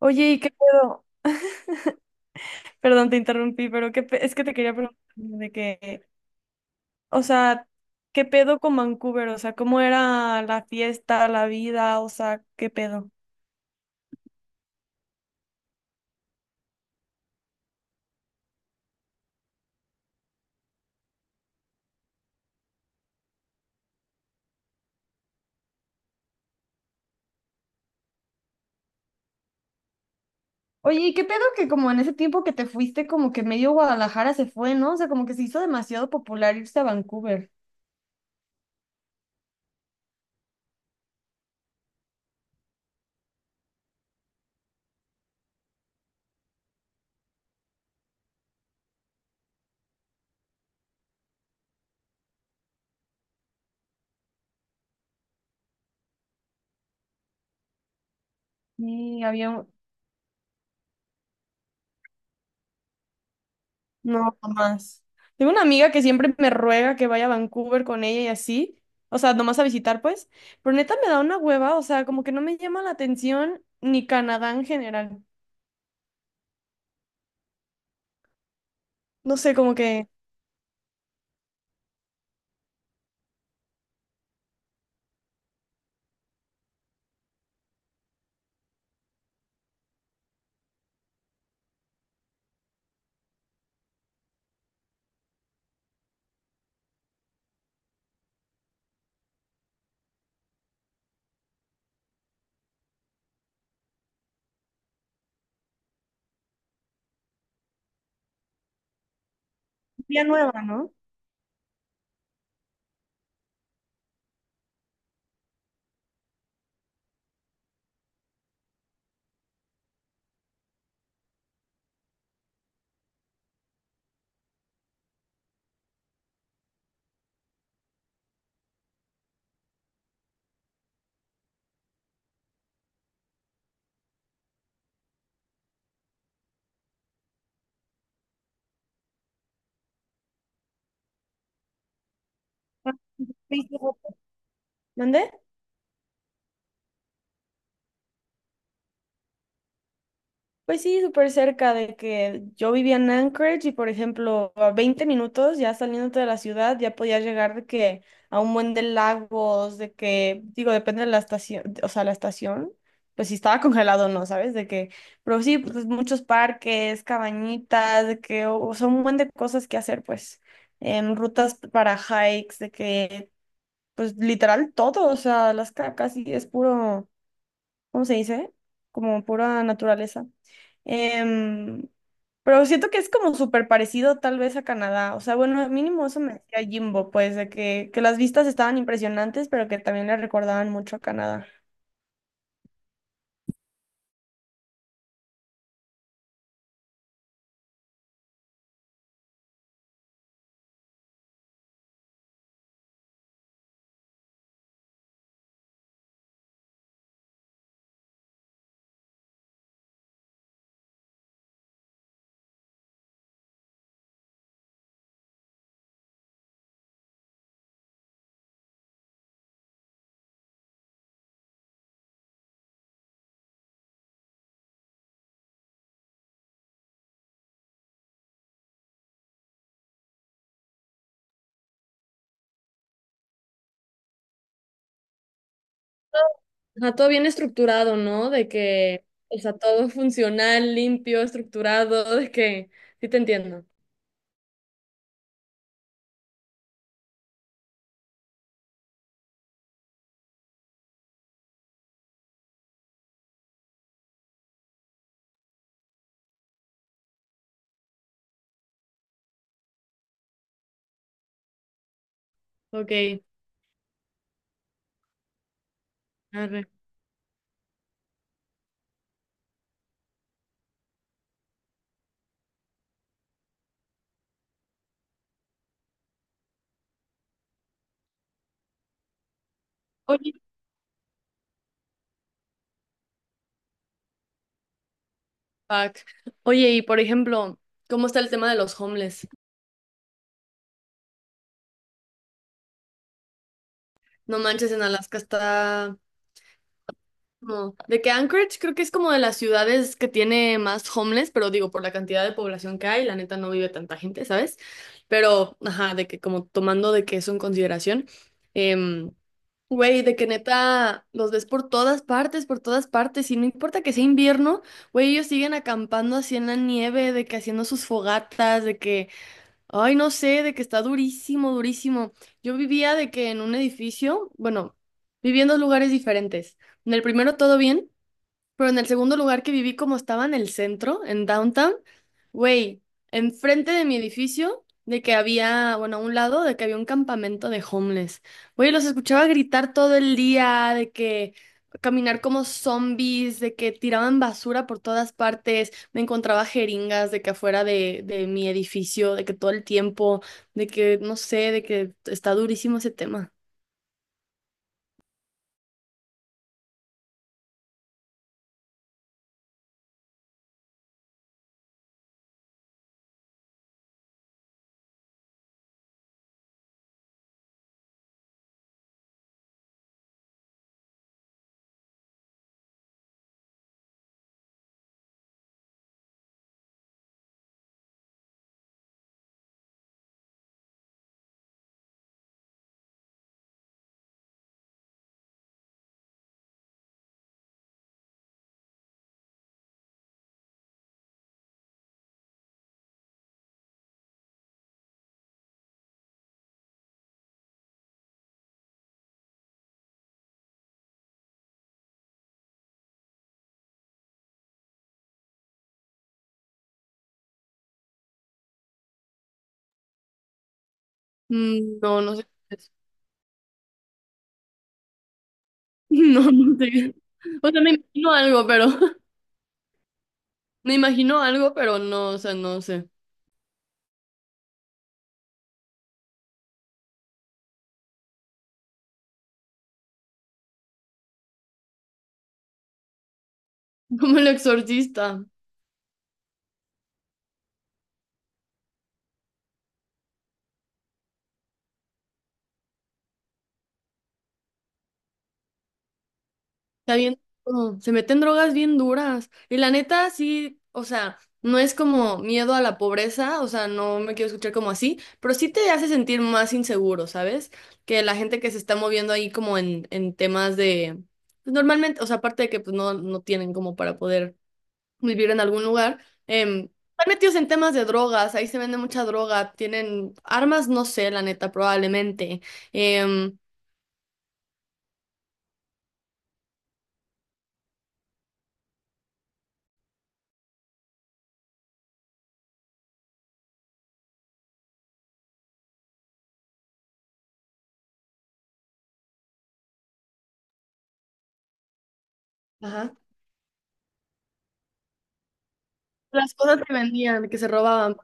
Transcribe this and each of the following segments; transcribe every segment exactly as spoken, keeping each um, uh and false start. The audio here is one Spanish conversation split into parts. Oye, ¿y qué pedo? Perdón, te interrumpí, pero qué pe- es que te quería preguntar de que, o sea, ¿qué pedo con Vancouver? O sea, ¿cómo era la fiesta, la vida? O sea, ¿qué pedo? Oye, ¿y qué pedo que como en ese tiempo que te fuiste, como que medio Guadalajara se fue, ¿no? O sea, como que se hizo demasiado popular irse a Vancouver. Sí, había. No, más. Tengo una amiga que siempre me ruega que vaya a Vancouver con ella y así. O sea, nomás a visitar, pues. Pero neta me da una hueva. O sea, como que no me llama la atención ni Canadá en general. No sé, como que. Día nueva, ¿no? ¿Mande? Pues sí, súper cerca de que yo vivía en Anchorage y, por ejemplo, a veinte minutos ya saliéndote de la ciudad ya podías llegar de que a un buen de lagos, de que, digo, depende de la estación, o sea, la estación, pues si estaba congelado o no, ¿sabes? De que, pero sí, pues muchos parques, cabañitas, de que o, son un buen de cosas que hacer, pues, em, rutas para hikes, de que, pues literal todo, o sea, Alaska casi es puro. ¿Cómo se dice? Como pura naturaleza. Em, pero siento que es como súper parecido tal vez a Canadá. O sea, bueno, mínimo eso me decía Jimbo, pues, de que, que las vistas estaban impresionantes, pero que también le recordaban mucho a Canadá. Ajá, todo bien estructurado, ¿no? De que o sea, todo funcional, limpio, estructurado, de que sí te entiendo. Ok, arre. Oye, fuck. Oye, y por ejemplo, ¿cómo está el tema de los homeless? No manches, en Alaska está. No, de que Anchorage creo que es como de las ciudades que tiene más homeless, pero digo, por la cantidad de población que hay, la neta no vive tanta gente, ¿sabes? Pero, ajá, de que como tomando de que eso en consideración, em, güey, de que neta los ves por todas partes, por todas partes, y no importa que sea invierno, güey, ellos siguen acampando así en la nieve, de que haciendo sus fogatas, de que, ay, no sé, de que está durísimo, durísimo. Yo vivía de que en un edificio, bueno, vivía en dos lugares diferentes. En el primero todo bien. Pero en el segundo lugar que viví, como estaba en el centro, en downtown, güey, enfrente de mi edificio, de que había, bueno, a un lado, de que había un campamento de homeless. Güey, los escuchaba gritar todo el día, de que caminar como zombies, de que tiraban basura por todas partes. Me encontraba jeringas de que afuera de, de mi edificio, de que todo el tiempo, de que, no sé, de que está durísimo ese tema. Mm, no, no sé. Qué es. No, no sé. O sea, me imagino algo, pero. Me imagino algo, pero no, o sea, no sé. Como el exorcista. Está bien, oh, se meten drogas bien duras. Y la neta, sí, o sea, no es como miedo a la pobreza, o sea, no me quiero escuchar como así, pero sí te hace sentir más inseguro, ¿sabes? Que la gente que se está moviendo ahí como en, en temas de... Pues, normalmente, o sea, aparte de que pues no, no tienen como para poder vivir en algún lugar. em, están metidos en temas de drogas, ahí se vende mucha droga, tienen armas, no sé, la neta, probablemente. em, Ajá. Las cosas que vendían, que se robaban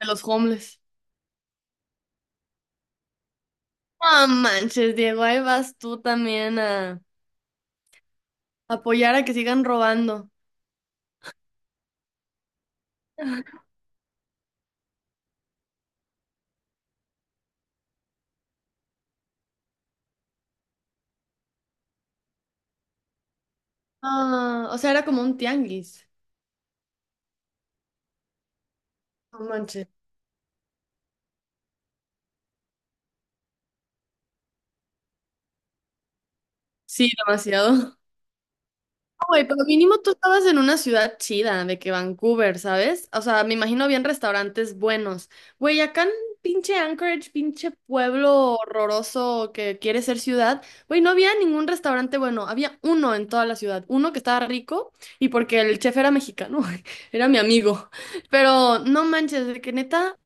de los homeless. No manches, Diego, ahí vas tú también a apoyar a que sigan robando. Ah, o sea, era como un tianguis. No manches. Sí, demasiado. Güey, pero mínimo tú estabas en una ciudad chida, de que Vancouver, ¿sabes? O sea, me imagino bien restaurantes buenos. Güey, acá en pinche Anchorage, pinche pueblo horroroso que quiere ser ciudad, güey, no había ningún restaurante bueno, había uno en toda la ciudad, uno que estaba rico y porque el chef era mexicano, era mi amigo, pero no manches, de que neta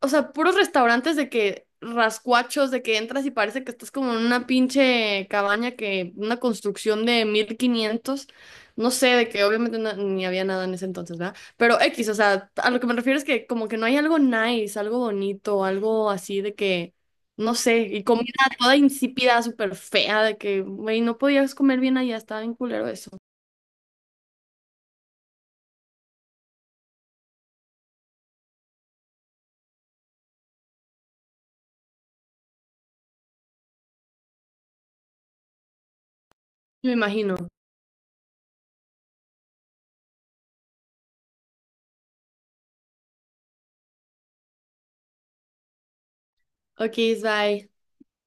o sea, puros restaurantes de que rascuachos, de que entras y parece que estás como en una pinche cabaña que una construcción de mil quinientos no sé, de que obviamente no- ni había nada en ese entonces, ¿verdad? Pero X, o sea, a lo que me refiero es que como que no hay algo nice, algo bonito, algo así de que, no sé, y comida toda insípida, súper fea, de que, güey, no podías comer bien allá, estaba bien culero eso. Me imagino. Ok, bye.